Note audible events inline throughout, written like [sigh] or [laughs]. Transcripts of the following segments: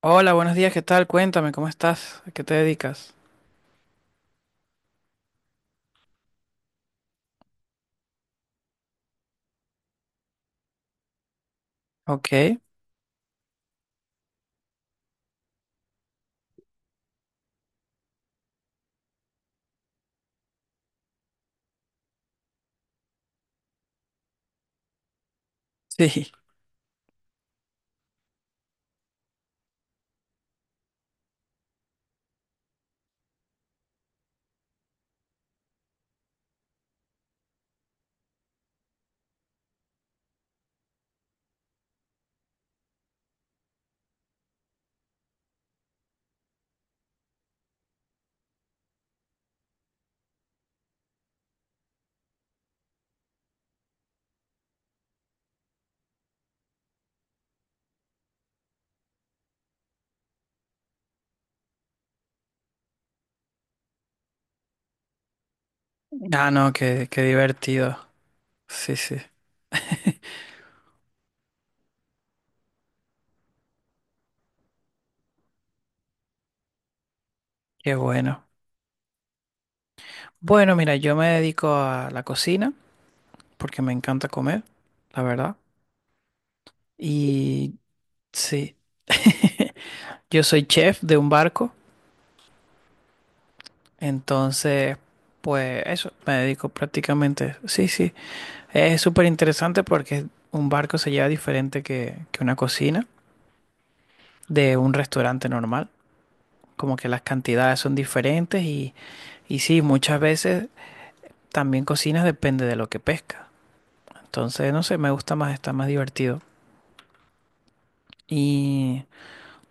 Hola, buenos días, ¿qué tal? Cuéntame, ¿cómo estás? ¿A qué te dedicas? Ok. [laughs] Sí. Ah, no, qué, qué divertido. Sí, sí, qué bueno. Bueno, mira, yo me dedico a la cocina porque me encanta comer, la verdad. Y sí, [laughs] yo soy chef de un barco, entonces, pues eso, me dedico prácticamente. Sí, sí, es súper interesante porque un barco se lleva diferente que una cocina de un restaurante normal. Como que las cantidades son diferentes y sí, muchas veces también cocinas depende de lo que pesca. Entonces, no sé, me gusta más, está más divertido. Y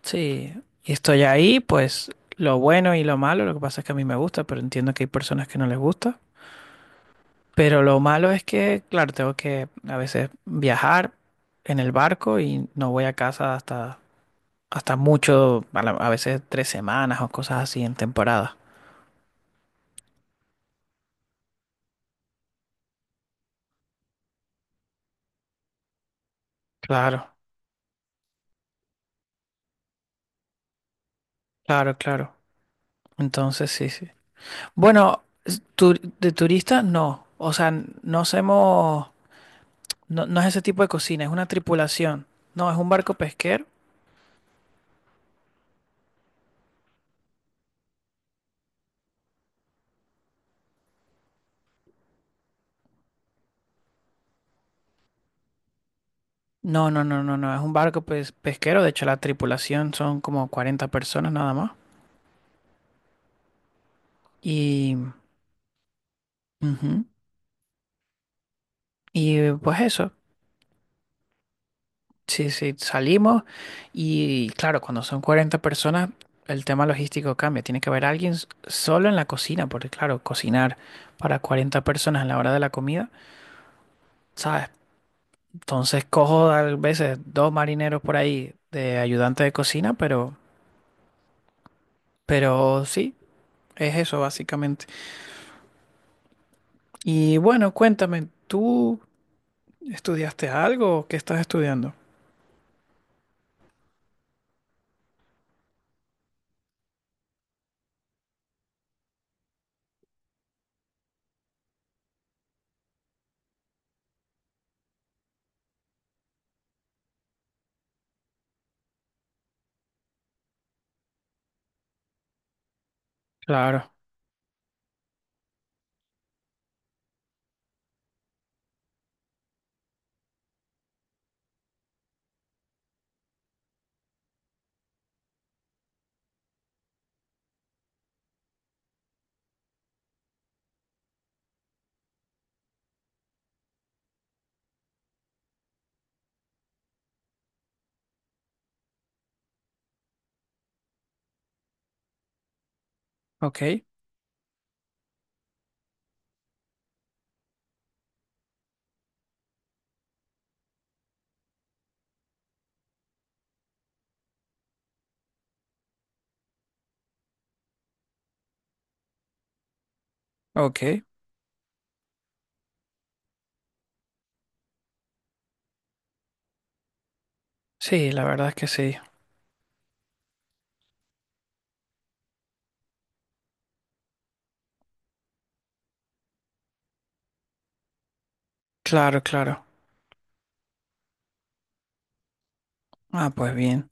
sí, y estoy ahí, pues lo bueno y lo malo, lo que pasa es que a mí me gusta, pero entiendo que hay personas que no les gusta. Pero lo malo es que, claro, tengo que a veces viajar en el barco y no voy a casa hasta mucho, a, a veces 3 semanas o cosas así en temporada. Claro, claro, claro. Entonces, sí, sí. Bueno, de turistas no. O sea, no hacemos, no, no es ese tipo de cocina, es una tripulación. No, es un barco pesquero. No, no, no, no, no, es un barco pesquero. De hecho, la tripulación son como 40 personas nada más. Y, ujú, y pues eso, sí, sí, salimos. Y claro, cuando son 40 personas, el tema logístico cambia. Tiene que haber solo en la cocina, porque claro, cocinar para 40 personas a la hora de la comida. ¿Sabes? Entonces cojo a veces 2 marineros por ahí de ayudante de cocina, pero sí, es eso básicamente. Y bueno, cuéntame, ¿tú estudiaste algo o qué estás estudiando? Claro, ok, ok. Sí, la verdad es que sí. Claro, claro. Ah, pues bien.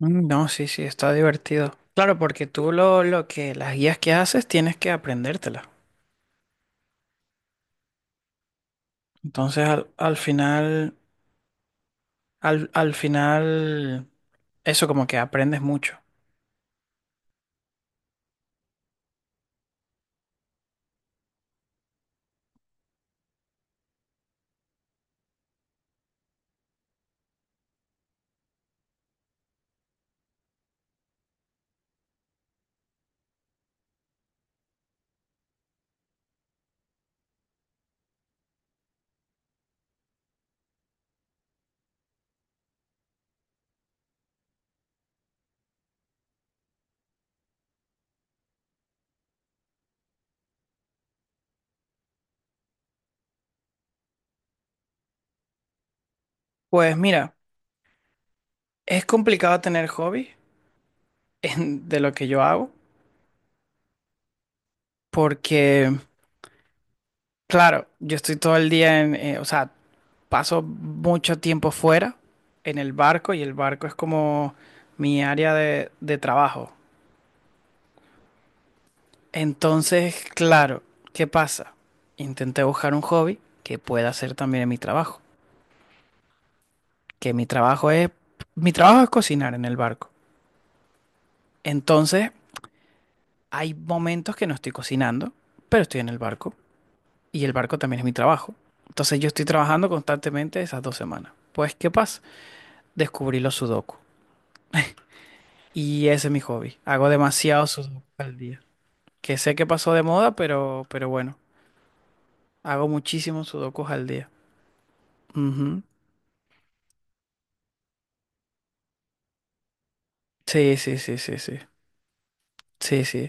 Mm, no, sí, sí, está divertido. Claro, porque tú lo que, las guías que haces tienes que aprendértelas. Entonces al final, eso como que aprendes mucho. Pues mira. Es complicado tener hobbies de lo que yo hago porque, claro, yo estoy todo el día o sea, paso mucho tiempo fuera en el barco y el barco es como mi área de trabajo. Entonces, claro, ¿qué pasa? Intenté buscar un hobby que pueda hacer también en mi trabajo, que mi trabajo es cocinar en el barco. Entonces, hay momentos que no estoy cocinando, pero estoy en el barco. Y el barco también es mi trabajo. Entonces yo estoy trabajando constantemente esas 2 semanas. Pues, ¿qué pasa? Descubrí los sudoku. [laughs] Y ese es mi hobby. Hago demasiados sudokus al día. Que sé que pasó de moda, pero bueno, hago muchísimos sudokus al día. Ujú. Sí, sí, sí, sí, sí. Sí, sí.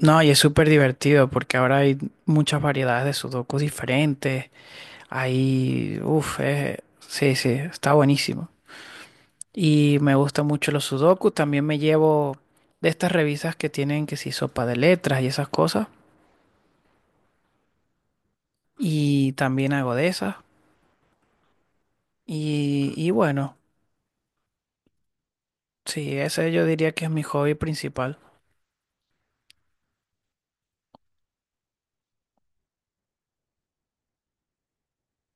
No, y es súper divertido porque ahora hay muchas variedades de sudokus diferentes. Hay, uff, sí, sí, está buenísimo. Y me gusta mucho los sudokus. También me llevo de estas revistas que tienen que si sopa de letras y esas cosas. Y también hago de esas. Y bueno, sí, ese yo diría que es mi hobby principal.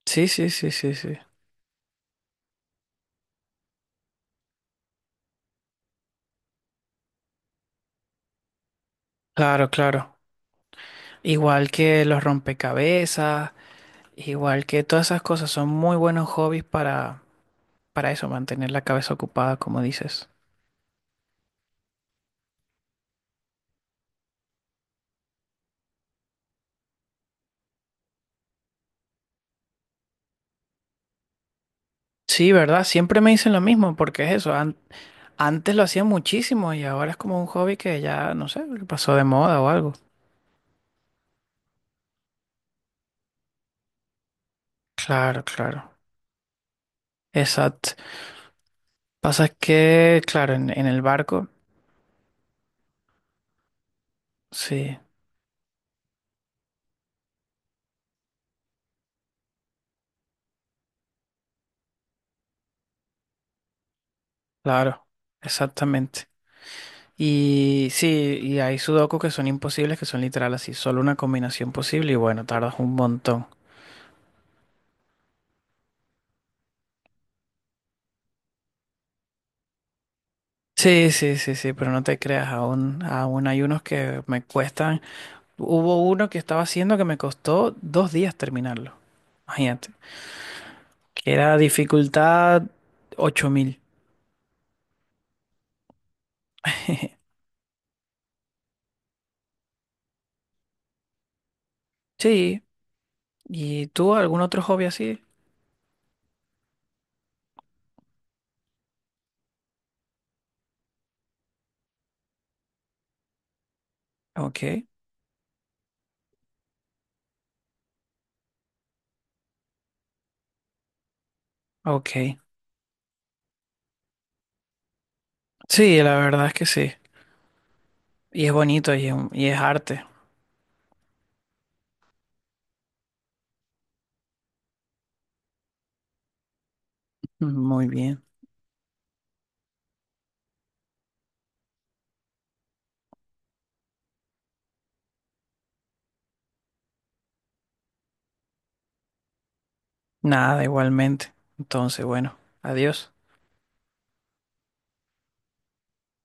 Sí, sí, sí, sí, sí. Claro, claro. Igual que los rompecabezas, igual que todas esas cosas son muy buenos hobbies para eso, mantener la cabeza ocupada, como dices. Sí, ¿verdad? Siempre me dicen lo mismo, porque es eso. Antes lo hacía muchísimo y ahora es como un hobby que ya, no sé, pasó de moda o algo. Claro, claro. Exacto. Pasa es que, claro, en el barco, sí, claro, exactamente. Y sí, y hay sudokus que son imposibles, que son literal así, solo una combinación posible y bueno, tardas un montón. Sí, sí, sí, sí, pero no te creas, aún hay unos que me cuestan. Hubo uno que estaba haciendo que me costó 2 días terminarlo. Imagínate. Que era dificultad 8000. [laughs] Sí, ¿y tú algún otro hobby así? Ok, ok. Sí, la verdad es que sí. Y es bonito y es arte. Muy bien. Nada, igualmente. Entonces, bueno, adiós.